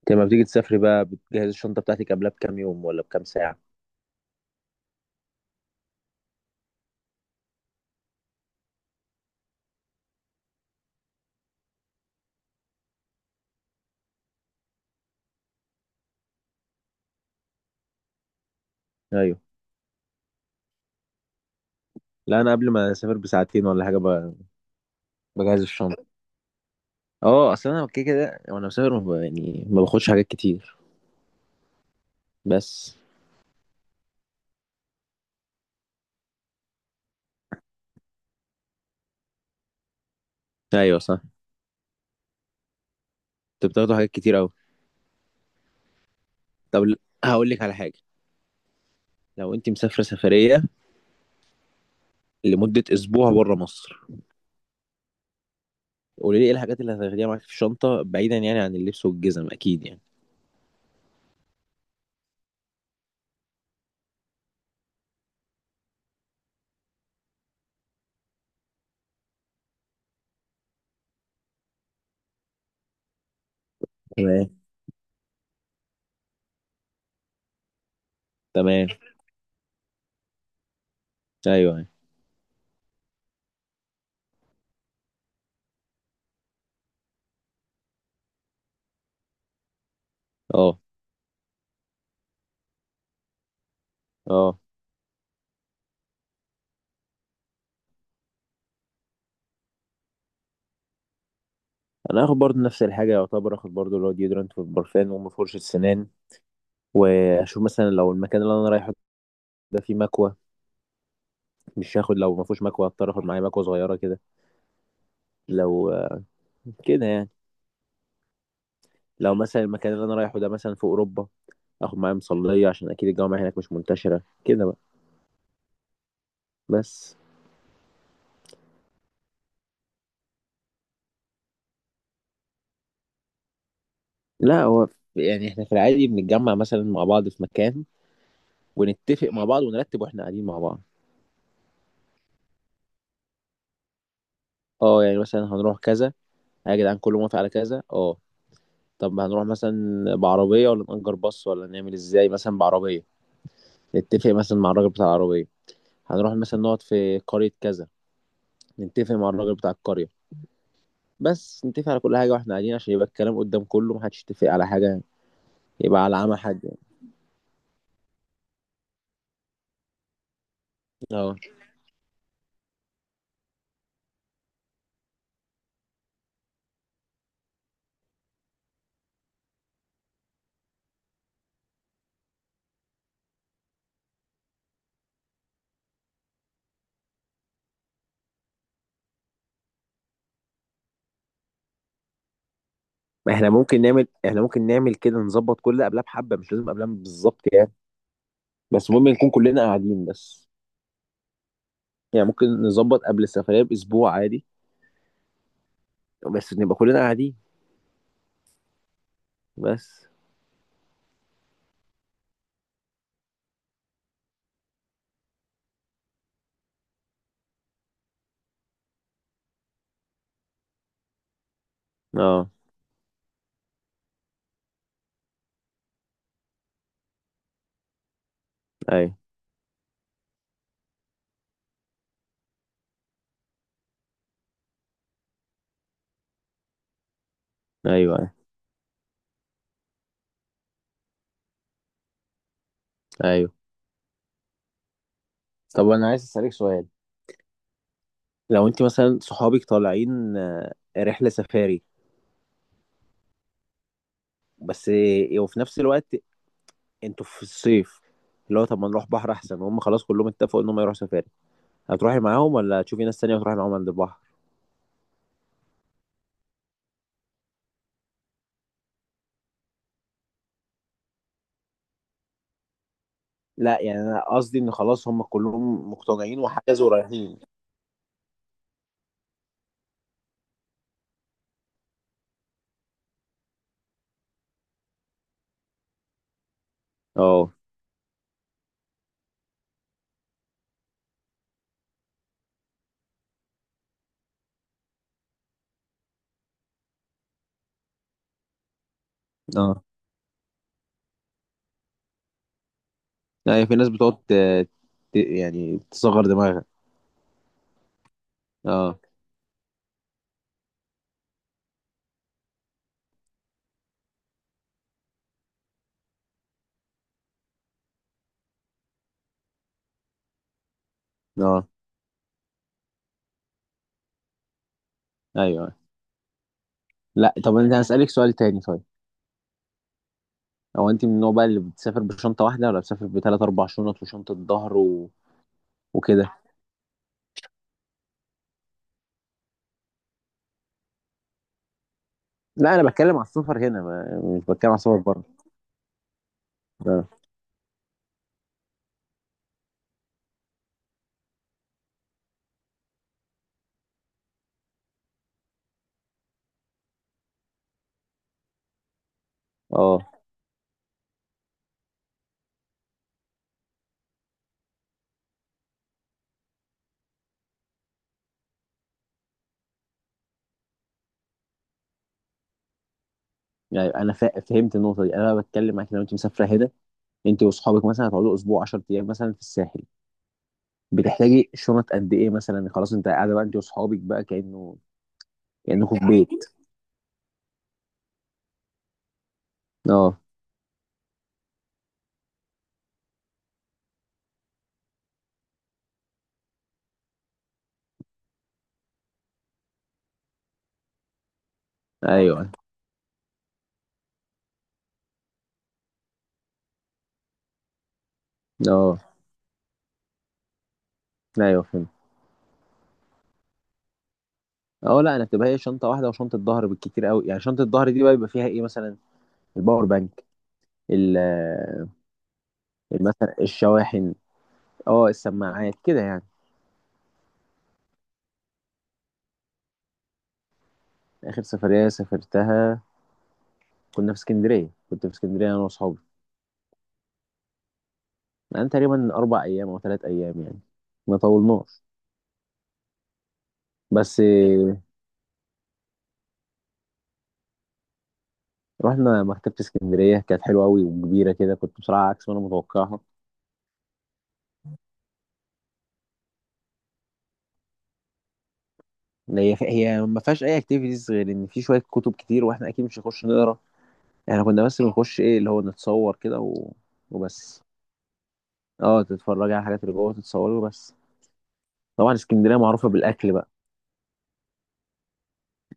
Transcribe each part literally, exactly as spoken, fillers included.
انت لما بتيجي تسافري بقى بتجهز الشنطة بتاعتك قبلها بكام يوم ولا بكام ساعة؟ ايوه. لا انا قبل ما اسافر بساعتين ولا حاجة ب- بجهز الشنطة. اه اصل انا كده كده وانا مسافر ما ب- يعني ما باخدش حاجات كتير بس. ايوه صح. انت بتاخدوا حاجات كتير اوي. طب ل- هقول لك على حاجة. لو انت مسافرة سفرية لمدة اسبوع بره مصر، قولي لي ايه الحاجات اللي هتاخديها معاك في الشنطة بعيدا يعني عن اللبس والجزم اكيد يعني. تمام. تمام. ايوه. اه. اه انا هاخد برضو نفس الحاجة، يعتبر اخد برضو اللي هو ديودرنت والبرفان وام فرشة سنان. واشوف مثلا لو المكان اللي انا رايحه ده فيه مكوى مش هاخد، لو ما فيهوش مكوى هضطر اخد معايا مكوى صغيره كده. لو آه، كده يعني. لو مثلا المكان اللي انا رايحه ده مثلا في اوروبا اخد معايا مصليه عشان اكيد الجامعه هناك مش منتشره كده بقى. بس. لا هو يعني احنا في العادي بنتجمع مثلا مع بعض في مكان ونتفق مع بعض ونرتب واحنا قاعدين مع بعض. اه يعني مثلا هنروح كذا، يا جدعان كله موافق على كذا. اه طب هنروح مثلا بعربيه ولا نأجر باص ولا نعمل ازاي، مثلا بعربيه نتفق مثلا مع الراجل بتاع العربيه، هنروح مثلا نقعد في قرية كذا نتفق مع الراجل بتاع القرية. بس نتفق على كل حاجة واحنا قاعدين عشان يبقى الكلام قدام كله، محدش يتفق على حاجة يبقى على عمى حد يعني. اه ما احنا ممكن نعمل، احنا ممكن نعمل كده، نظبط كل قبلها بحبه مش لازم قبلها بالظبط يعني. بس المهم نكون كلنا قاعدين بس. يعني ممكن نظبط قبل السفرية بأسبوع عادي، بس نبقى كلنا قاعدين. بس. اه. ايوه ايوه. ايوه ايوه. طب انا عايز اسالك سؤال. لو انت مثلا صحابك طالعين آه، رحله سفاري، بس آه، وفي نفس الوقت انتوا في الصيف، اللي هو طب ما نروح بحر احسن، هم خلاص كلهم اتفقوا ان هم يروحوا سفاري، هتروحي معاهم ولا تشوفي ناس تانية وتروحي معاهم عند البحر؟ لا يعني انا قصدي ان خلاص هم كلهم مقتنعين وحجزوا ورايحين. اه. اه يعني في ناس بتقعد ت- ت- يعني تصغر دماغها. اه. اه ايوه. لا طب انا هسألك سؤال تاني طيب. هو انت من النوع بقى اللي بتسافر بشنطة واحدة ولا بتسافر بثلاث اربع شنط وشنطة ظهر و... وكده. لا انا بتكلم على السفر هنا ما... مش بتكلم على السفر بره. اه. اه يعني انا فا- فهمت النقطه دي، انا بتكلم معاك لو انت مسافره هنا انت واصحابك مثلا هتقعدوا اسبوع عشرة ايام مثلا في الساحل، بتحتاجي شنط قد ايه مثلا، خلاص انت قاعده بقى انت واصحابك بقى كانه كانكم في بيت. اه. ايوه. اه. ايوه فهمت. اه لا انا بتبقى هي شنطه واحده وشنطه ظهر بالكتير قوي، يعني شنطه الظهر دي بقى بيبقى فيها ايه مثلا، الباور بانك، ال- ال- مثلا الشواحن، اه السماعات كده يعني. اخر سفريه سافرتها كنا في اسكندريه، كنت في اسكندريه انا واصحابي. يعني تقريبا أربع أيام أو ثلاث أيام يعني، ما طولناش. بس آه، رحنا مكتبة اسكندرية، كانت حلوة أوي وكبيرة كده، كنت بصراحة عكس ما أنا متوقعها. إن هي هي ما فيهاش أي أكتيفيتيز غير إن في شوية كتب كتير وإحنا أكيد مش هنخش نقرا. إحنا كنا بس بنخش إيه اللي هو نتصور كده و... وبس. أه تتفرج على الحاجات اللي جوه تتصور وبس. طبعا اسكندرية معروفة بالأكل بقى.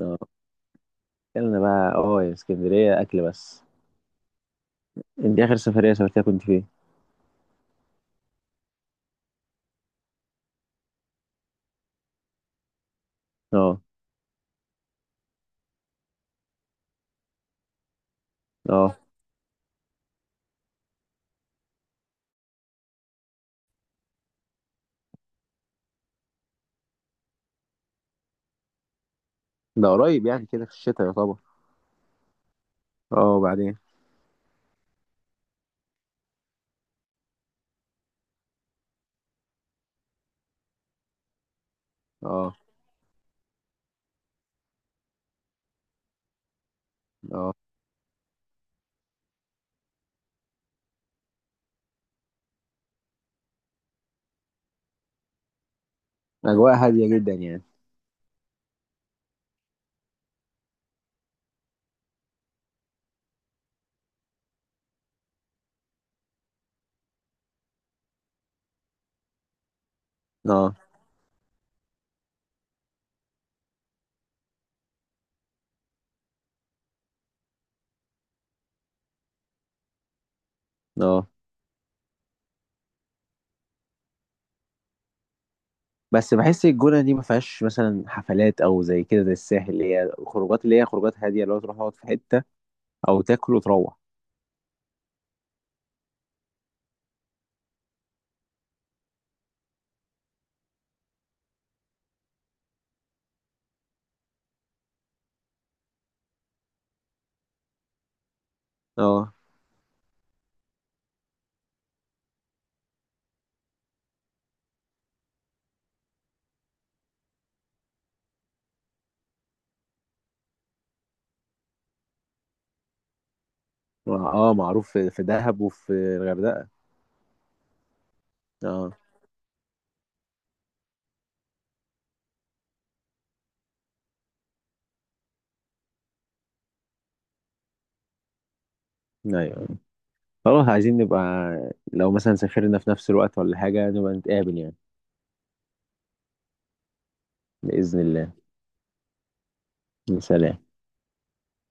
أه أكلنا بقى، أه يا اسكندرية أكل بس. أنت آخر سفرية سافرتها كنت فين؟ أه. أه ده قريب يعني كده في الشتاء يعتبر. أه بعدين. اه. اه اجواء هاديه جدا يعني. اه. اه بس بحس الجونه دي ما فيهاش مثلا حفلات او زي كده زي الساحل، اللي هي خروجات، اللي هي خروجات هاديه اللي هو تروح تقعد في حته او تاكل وتروح. اه. اه معروف في في دهب وفي الغردقه. اه ايوه خلاص عايزين نبقى، لو مثلا سافرنا في نفس الوقت ولا حاجه نبقى نتقابل يعني. باذن الله. سلام.